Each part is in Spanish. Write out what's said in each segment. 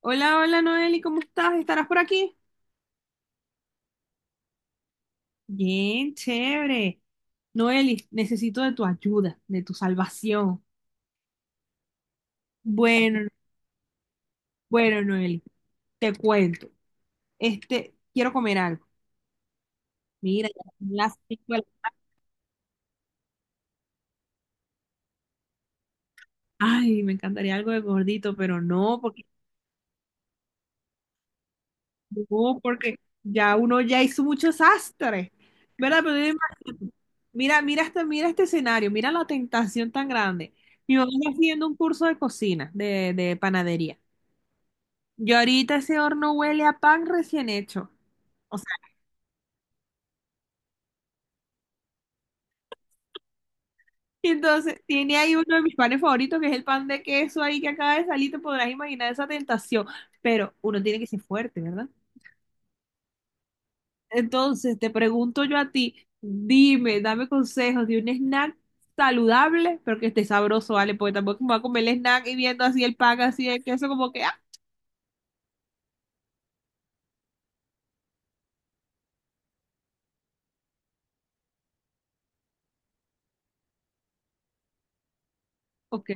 Hola, hola Noeli, ¿cómo estás? ¿Estarás por aquí? Bien, chévere. Noeli, necesito de tu ayuda, de tu salvación. Bueno, bueno, Noeli, te cuento. Quiero comer algo. Mira, ya son las 5 de la tarde. Ay, me encantaría algo de gordito, pero no, porque no, porque ya uno hizo muchos sastres. ¿Verdad? Pero imagínate, mira, mira este escenario, mira la tentación tan grande. Mi mamá está haciendo un curso de cocina, de panadería. Yo ahorita ese horno huele a pan recién hecho. O sea, entonces tiene ahí uno de mis panes favoritos, que es el pan de queso ahí que acaba de salir, te podrás imaginar esa tentación. Pero uno tiene que ser fuerte, ¿verdad? Entonces te pregunto yo a ti, dime, dame consejos de un snack saludable, pero que esté sabroso, ¿vale? Porque tampoco me voy a comer el snack y viendo así el pan, así el queso, como que, ah, ok.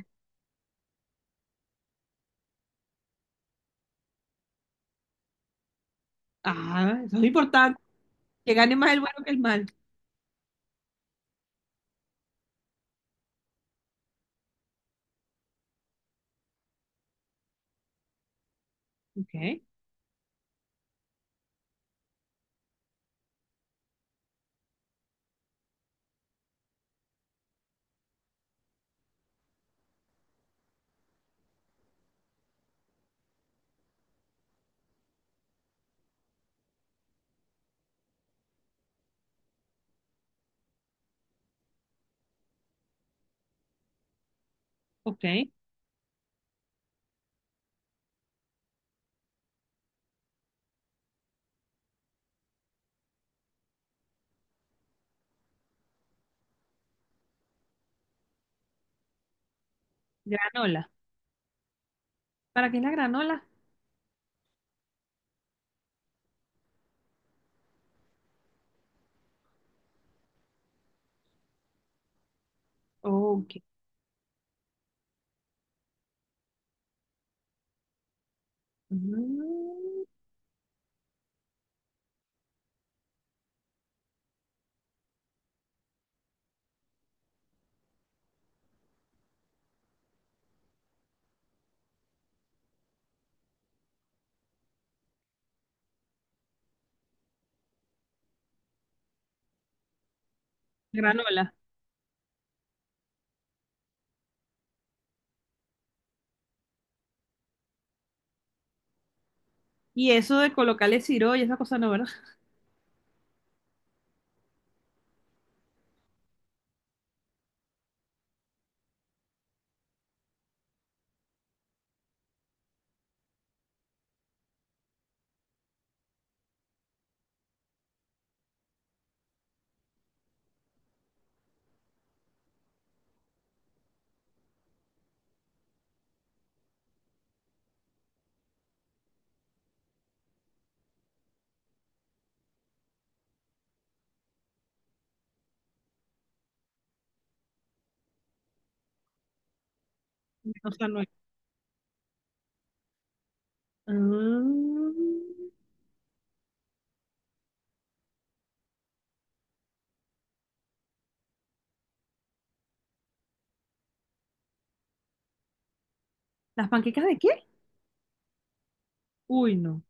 Ah, eso es importante, que gane más el bueno que el mal. Ok, ok. Granola. ¿Para qué es la granola? Ok. Mm. Granola. Y eso de colocarle siro y esa cosa no, ¿verdad? O sea, no. Es. Mm. ¿Las panquecas de qué? Uy, no.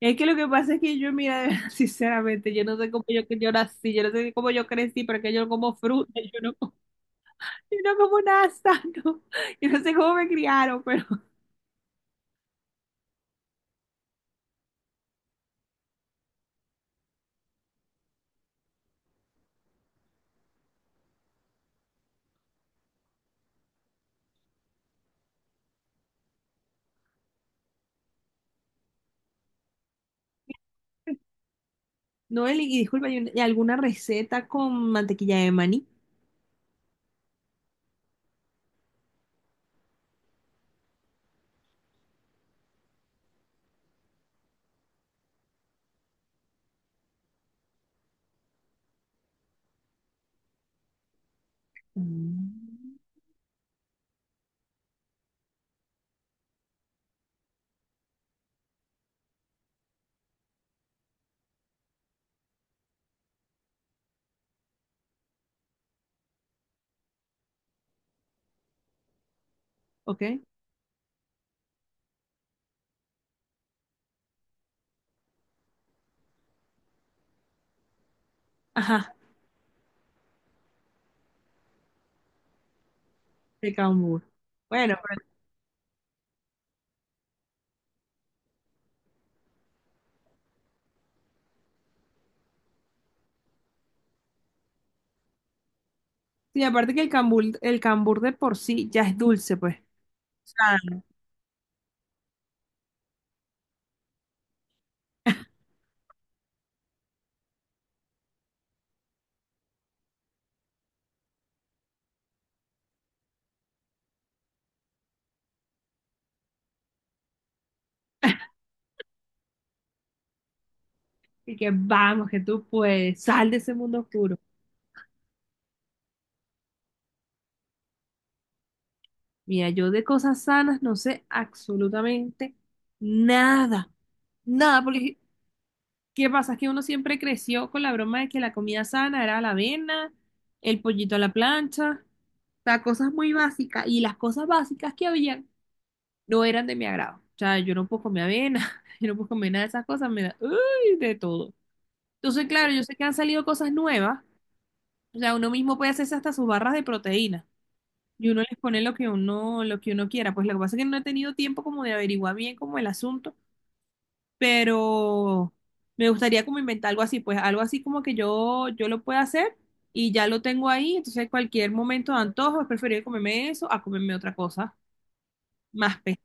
Es que lo que pasa es que yo, mira, de verdad, sinceramente, yo no sé cómo yo, que yo nací, yo no sé cómo yo crecí, pero es que yo como fruta, yo no como, yo no como nada sano. Yo no sé cómo me criaron, pero Noel, y disculpa, ¿y y alguna receta con mantequilla de maní? Mm. ¿Ok? Ajá, de cambur. Bueno, sí, aparte que el cambur de por sí ya es dulce, pues. Sano. Y que vamos, que tú puedes, sal de ese mundo oscuro. Mira, yo de cosas sanas no sé absolutamente nada. Nada, porque ¿qué pasa? Es que uno siempre creció con la broma de que la comida sana era la avena, el pollito a la plancha, o sea, cosas muy básicas. Y las cosas básicas que habían no eran de mi agrado. O sea, yo no puedo comer avena, yo no puedo comer nada de esas cosas, me da, uy, de todo. Entonces, claro, yo sé que han salido cosas nuevas. O sea, uno mismo puede hacerse hasta sus barras de proteína. Y uno les pone lo que uno quiera. Pues lo que pasa es que no he tenido tiempo como de averiguar bien como el asunto. Pero me gustaría como inventar algo así. Pues algo así como que yo lo pueda hacer y ya lo tengo ahí. Entonces, cualquier momento de antojo, es preferible comerme eso a comerme otra cosa más pesada.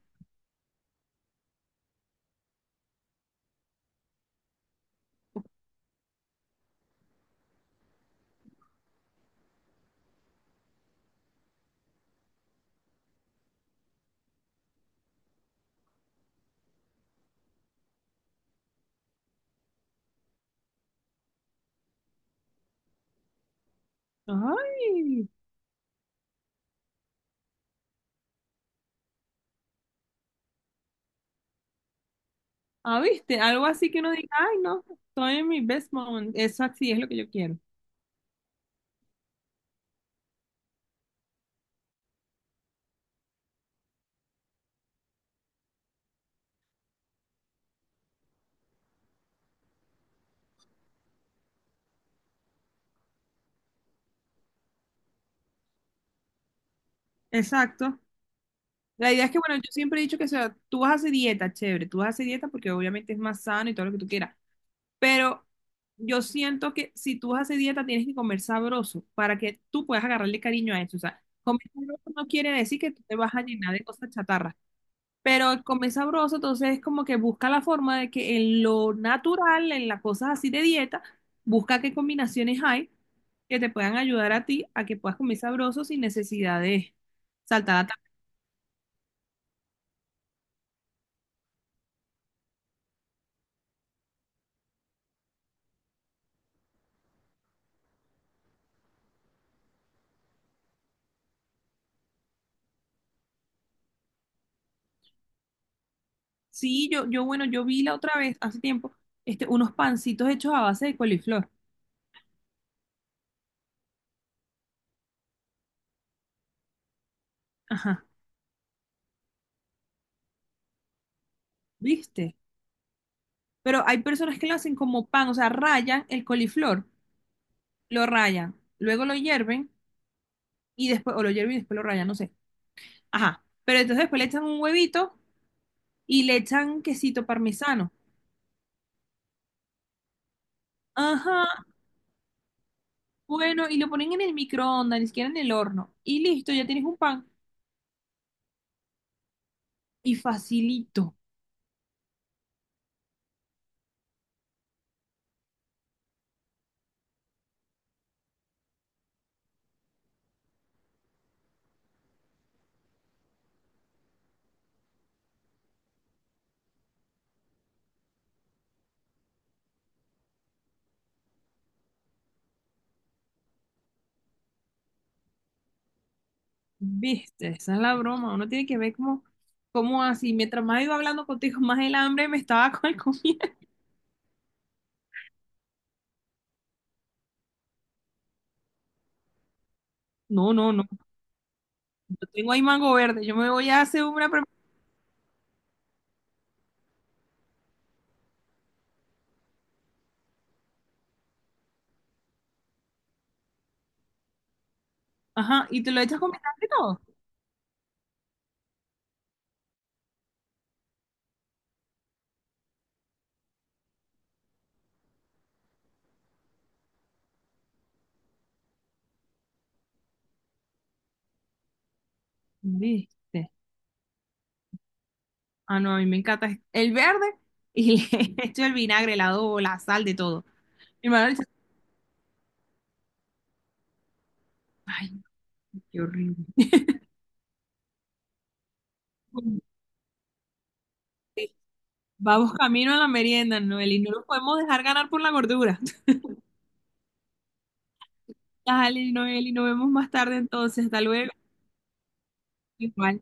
Ay, ah, viste, algo así que uno diga, ay, no, estoy en mi best moment. Eso así es lo que yo quiero. Exacto. La idea es que, bueno, yo siempre he dicho que, o sea, tú vas a hacer dieta, chévere, tú vas a hacer dieta porque obviamente es más sano y todo lo que tú quieras, pero yo siento que si tú vas a hacer dieta tienes que comer sabroso para que tú puedas agarrarle cariño a eso. O sea, comer sabroso no quiere decir que tú te vas a llenar de cosas chatarras, pero el comer sabroso entonces es como que busca la forma de que en lo natural, en las cosas así de dieta, busca qué combinaciones hay que te puedan ayudar a ti a que puedas comer sabroso sin necesidad de saltar a. Sí, bueno, yo vi la otra vez, hace tiempo, unos pancitos hechos a base de coliflor. Ajá, ¿viste? Pero hay personas que lo hacen como pan, o sea, rayan el coliflor, lo rayan, luego lo hierven y después, o lo hierven y después lo rayan, no sé. Ajá, pero entonces después le echan un huevito y le echan quesito parmesano. Ajá, bueno, y lo ponen en el microondas, ni siquiera en el horno. Y listo, ya tienes un pan. Y facilito. Viste, esa es la broma. Uno tiene que ver cómo, cómo así. Mientras más iba hablando contigo, más el hambre me estaba con el comida. No, no, no. Yo tengo ahí mango verde. Yo me voy a hacer una. Pre- ajá, y te lo echas con vinagre y todo. Viste. Ah, no, a mí me encanta el verde y le echo el vinagre, el adobo, la sal, de todo. Mi hermano dice, ay, qué horrible. Vamos camino a la merienda, Noel, y no nos podemos dejar ganar por la gordura. Dale, Noel, y nos vemos más tarde entonces. Hasta luego. Igual.